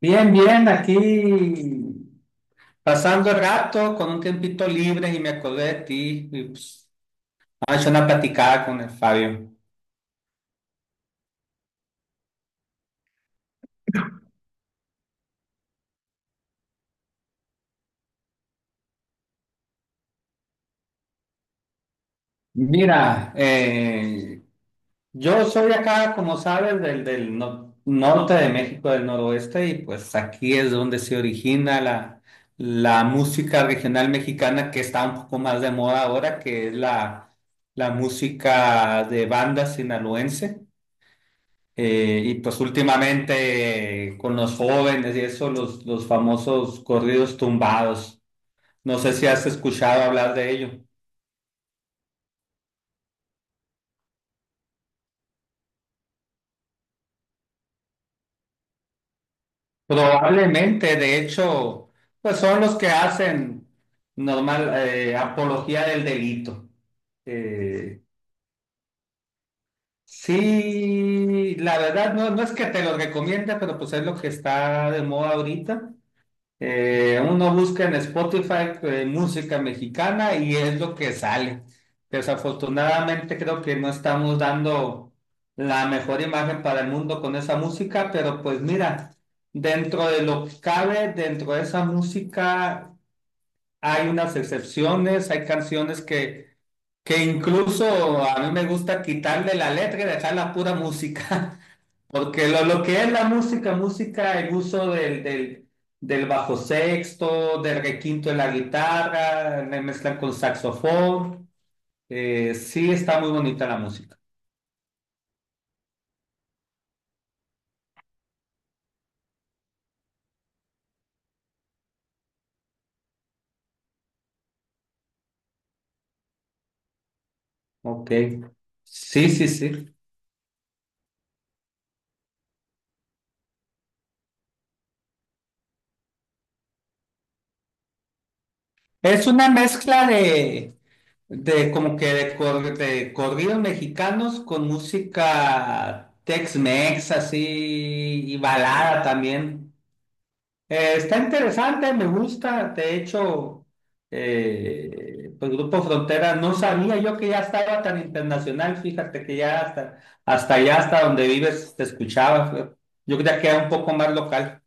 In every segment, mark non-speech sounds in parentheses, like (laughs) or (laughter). Bien, bien, aquí pasando el rato con un tiempito libre y me acordé de ti y pues vamos a echar una platicada con el Fabio. Mira, yo soy acá, como sabes, del norte de México, del noroeste, y pues aquí es donde se origina la música regional mexicana que está un poco más de moda ahora, que es la música de banda sinaloense. Y pues últimamente con los jóvenes y eso, los famosos corridos tumbados. No sé si has escuchado hablar de ello. Probablemente, de hecho, pues son los que hacen normal apología del delito. Eh, sí, la verdad no, no es que te lo recomiende, pero pues es lo que está de moda ahorita. Uno busca en Spotify música mexicana y es lo que sale. Desafortunadamente creo que no estamos dando la mejor imagen para el mundo con esa música, pero pues mira, dentro de lo que cabe, dentro de esa música hay unas excepciones, hay canciones que incluso a mí me gusta quitarle la letra y dejar la pura música. (laughs) Porque lo que es la música, música, el uso del bajo sexto, del requinto de la guitarra, me mezclan con saxofón. Sí, está muy bonita la música. Ok. Sí, sí, sí. Es una mezcla de como que de, de corridos mexicanos con música Tex-Mex así y balada también. Está interesante, me gusta. De hecho, pues Grupo Frontera, no sabía yo que ya estaba tan internacional. Fíjate que ya hasta, hasta allá, hasta donde vives, te escuchaba. Yo creía que era un poco más local.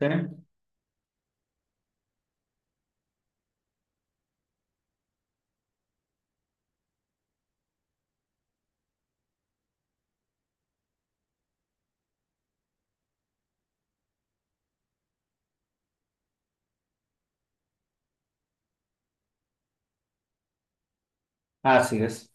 ¿Sí? Así es.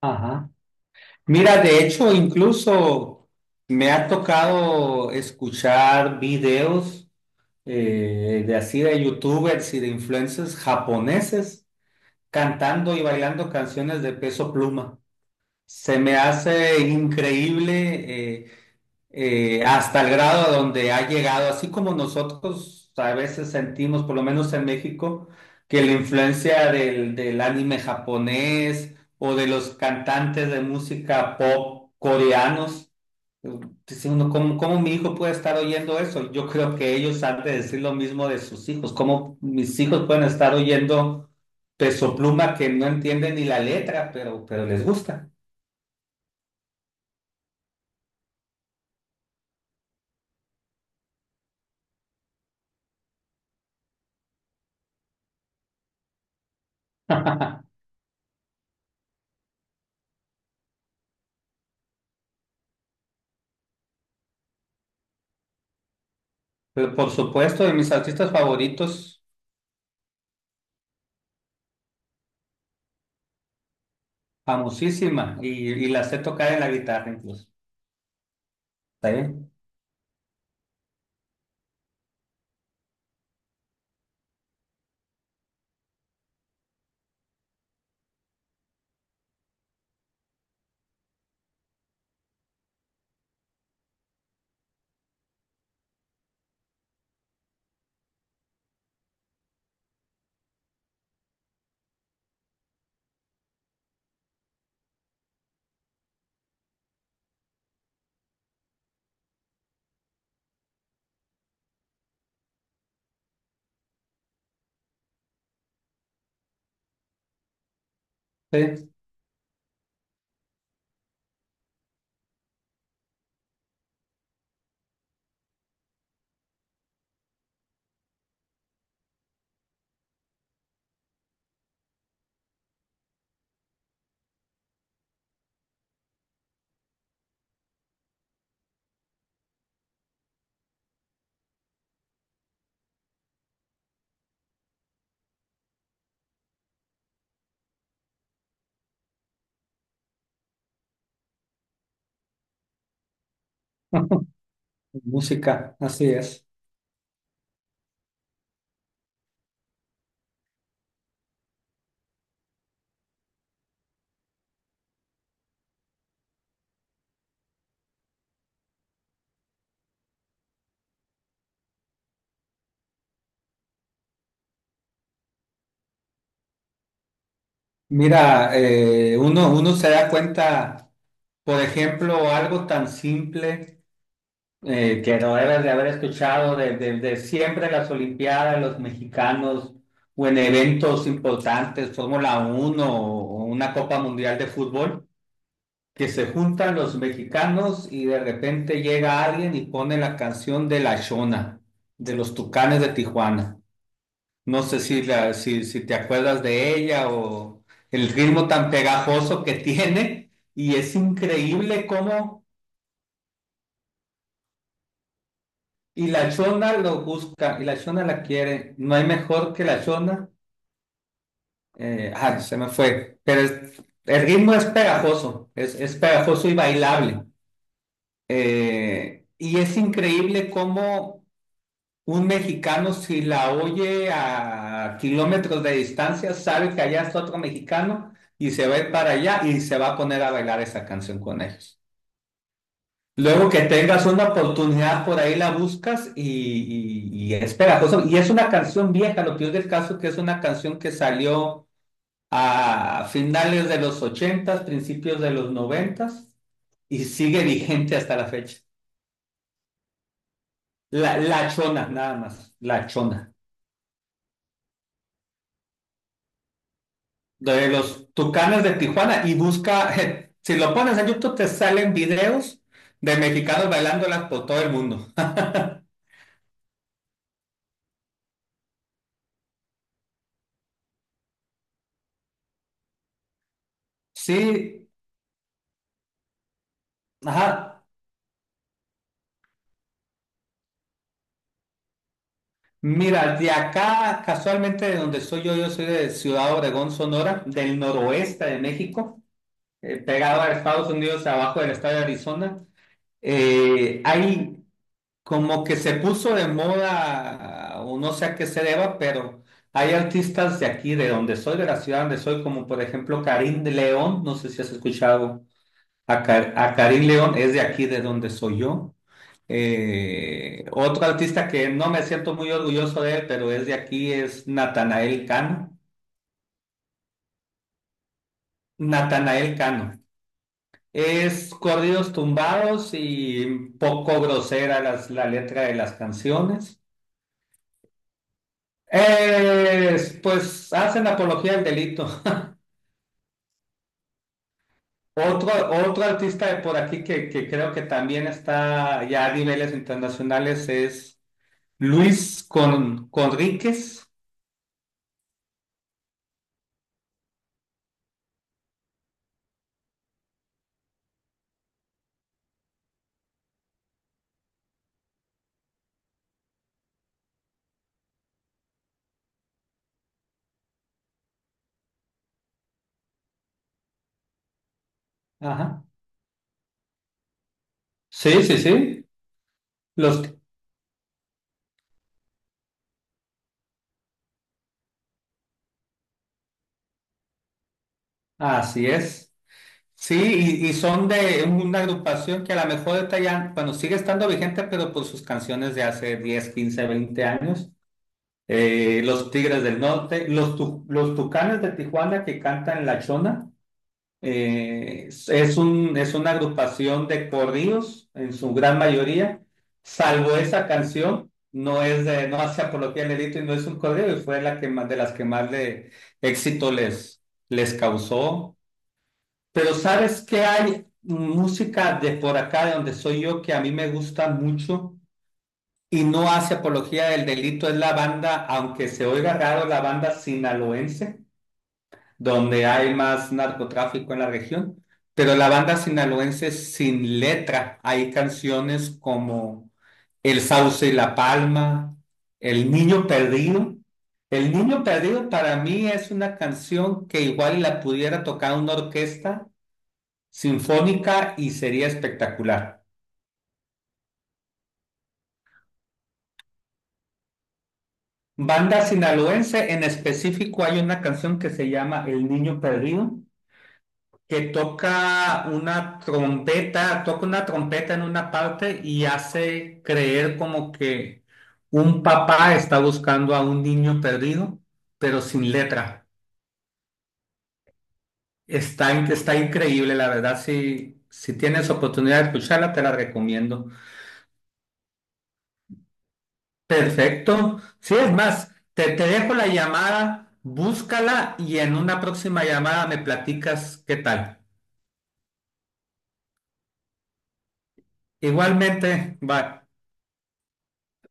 Ajá. Mira, de hecho, incluso me ha tocado escuchar videos de así de youtubers y de influencers japoneses cantando y bailando canciones de Peso Pluma. Se me hace increíble hasta el grado a donde ha llegado, así como nosotros a veces sentimos, por lo menos en México, que la influencia del anime japonés o de los cantantes de música pop coreanos, eh, dice uno, ¿cómo, cómo mi hijo puede estar oyendo eso? Yo creo que ellos han de decir lo mismo de sus hijos, ¿cómo mis hijos pueden estar oyendo Peso Pluma que no entienden ni la letra, pero les gusta? (laughs) Pero por supuesto, de mis artistas favoritos, famosísima, y la sé tocar en la guitarra incluso. ¿Está bien? Sí. (laughs) Música, así es. Mira, uno, uno se da cuenta, por ejemplo, algo tan simple que no debes de haber escuchado de siempre en las Olimpiadas, los mexicanos, o en eventos importantes, Fórmula 1 o una Copa Mundial de Fútbol. Que se juntan los mexicanos y de repente llega alguien y pone la canción de La Chona de los Tucanes de Tijuana. No sé si, si te acuerdas de ella o el ritmo tan pegajoso que tiene y es increíble cómo... Y la chona lo busca y la chona la quiere. No hay mejor que la chona. Ah, se me fue. Pero el ritmo es pegajoso y bailable. Y es increíble cómo un mexicano, si la oye a kilómetros de distancia, sabe que allá está otro mexicano y se va a ir para allá y se va a poner a bailar esa canción con ellos. Luego que tengas una oportunidad por ahí la buscas y es pegajoso. Y es una canción vieja, lo peor del caso que es una canción que salió a finales de los ochentas, principios de los noventas y sigue vigente hasta la fecha. La chona, nada más, la chona. De los Tucanes de Tijuana y busca, (laughs) si lo pones en YouTube te salen videos de mexicanos bailándolas por todo el mundo. (laughs) Sí, ajá. Mira, de acá, casualmente de donde soy yo, yo soy de Ciudad Obregón, Sonora, del noroeste de México, pegado a Estados Unidos, abajo del estado de Arizona. Hay Como que se puso de moda, o no sé a qué se deba, pero hay artistas de aquí, de donde soy, de la ciudad donde soy, como por ejemplo Karim de León, no sé si has escuchado a Karim León, es de aquí, de donde soy yo. Otro artista que no me siento muy orgulloso de él, pero es de aquí, es Natanael Cano. Natanael Cano. Es corridos tumbados y poco grosera la letra de las canciones. Eh, pues hacen apología del delito. (laughs) Otro, Otro artista de por aquí que creo que también está ya a niveles internacionales es Luis Con, Conríquez. Ajá. Sí, sí, sí. Los, así es. Sí, y son de una agrupación que a lo mejor está ya, bueno, sigue estando vigente, pero por sus canciones de hace 10 15 20 años. Los Tigres del Norte, los Tucanes de Tijuana que cantan La Chona. Es es una agrupación de corridos en su gran mayoría, salvo esa canción, no es de, no hace apología del delito y no es un corrido, y fue la que más, de las que más de éxito les causó. Pero ¿sabes qué hay? Música de por acá, de donde soy yo, que a mí me gusta mucho y no hace apología del delito, es la banda, aunque se oiga raro, la banda sinaloense donde hay más narcotráfico en la región. Pero la banda sinaloense sin letra. Hay canciones como El Sauce y la Palma, El Niño Perdido. El Niño Perdido para mí es una canción que igual la pudiera tocar una orquesta sinfónica y sería espectacular. Banda sinaloense, en específico hay una canción que se llama El Niño Perdido que toca una trompeta en una parte y hace creer como que un papá está buscando a un niño perdido, pero sin letra. Está, está increíble, la verdad. Si, si tienes oportunidad de escucharla, te la recomiendo. Perfecto. Sí, es más, te dejo la llamada, búscala y en una próxima llamada me platicas qué tal. Igualmente, bye.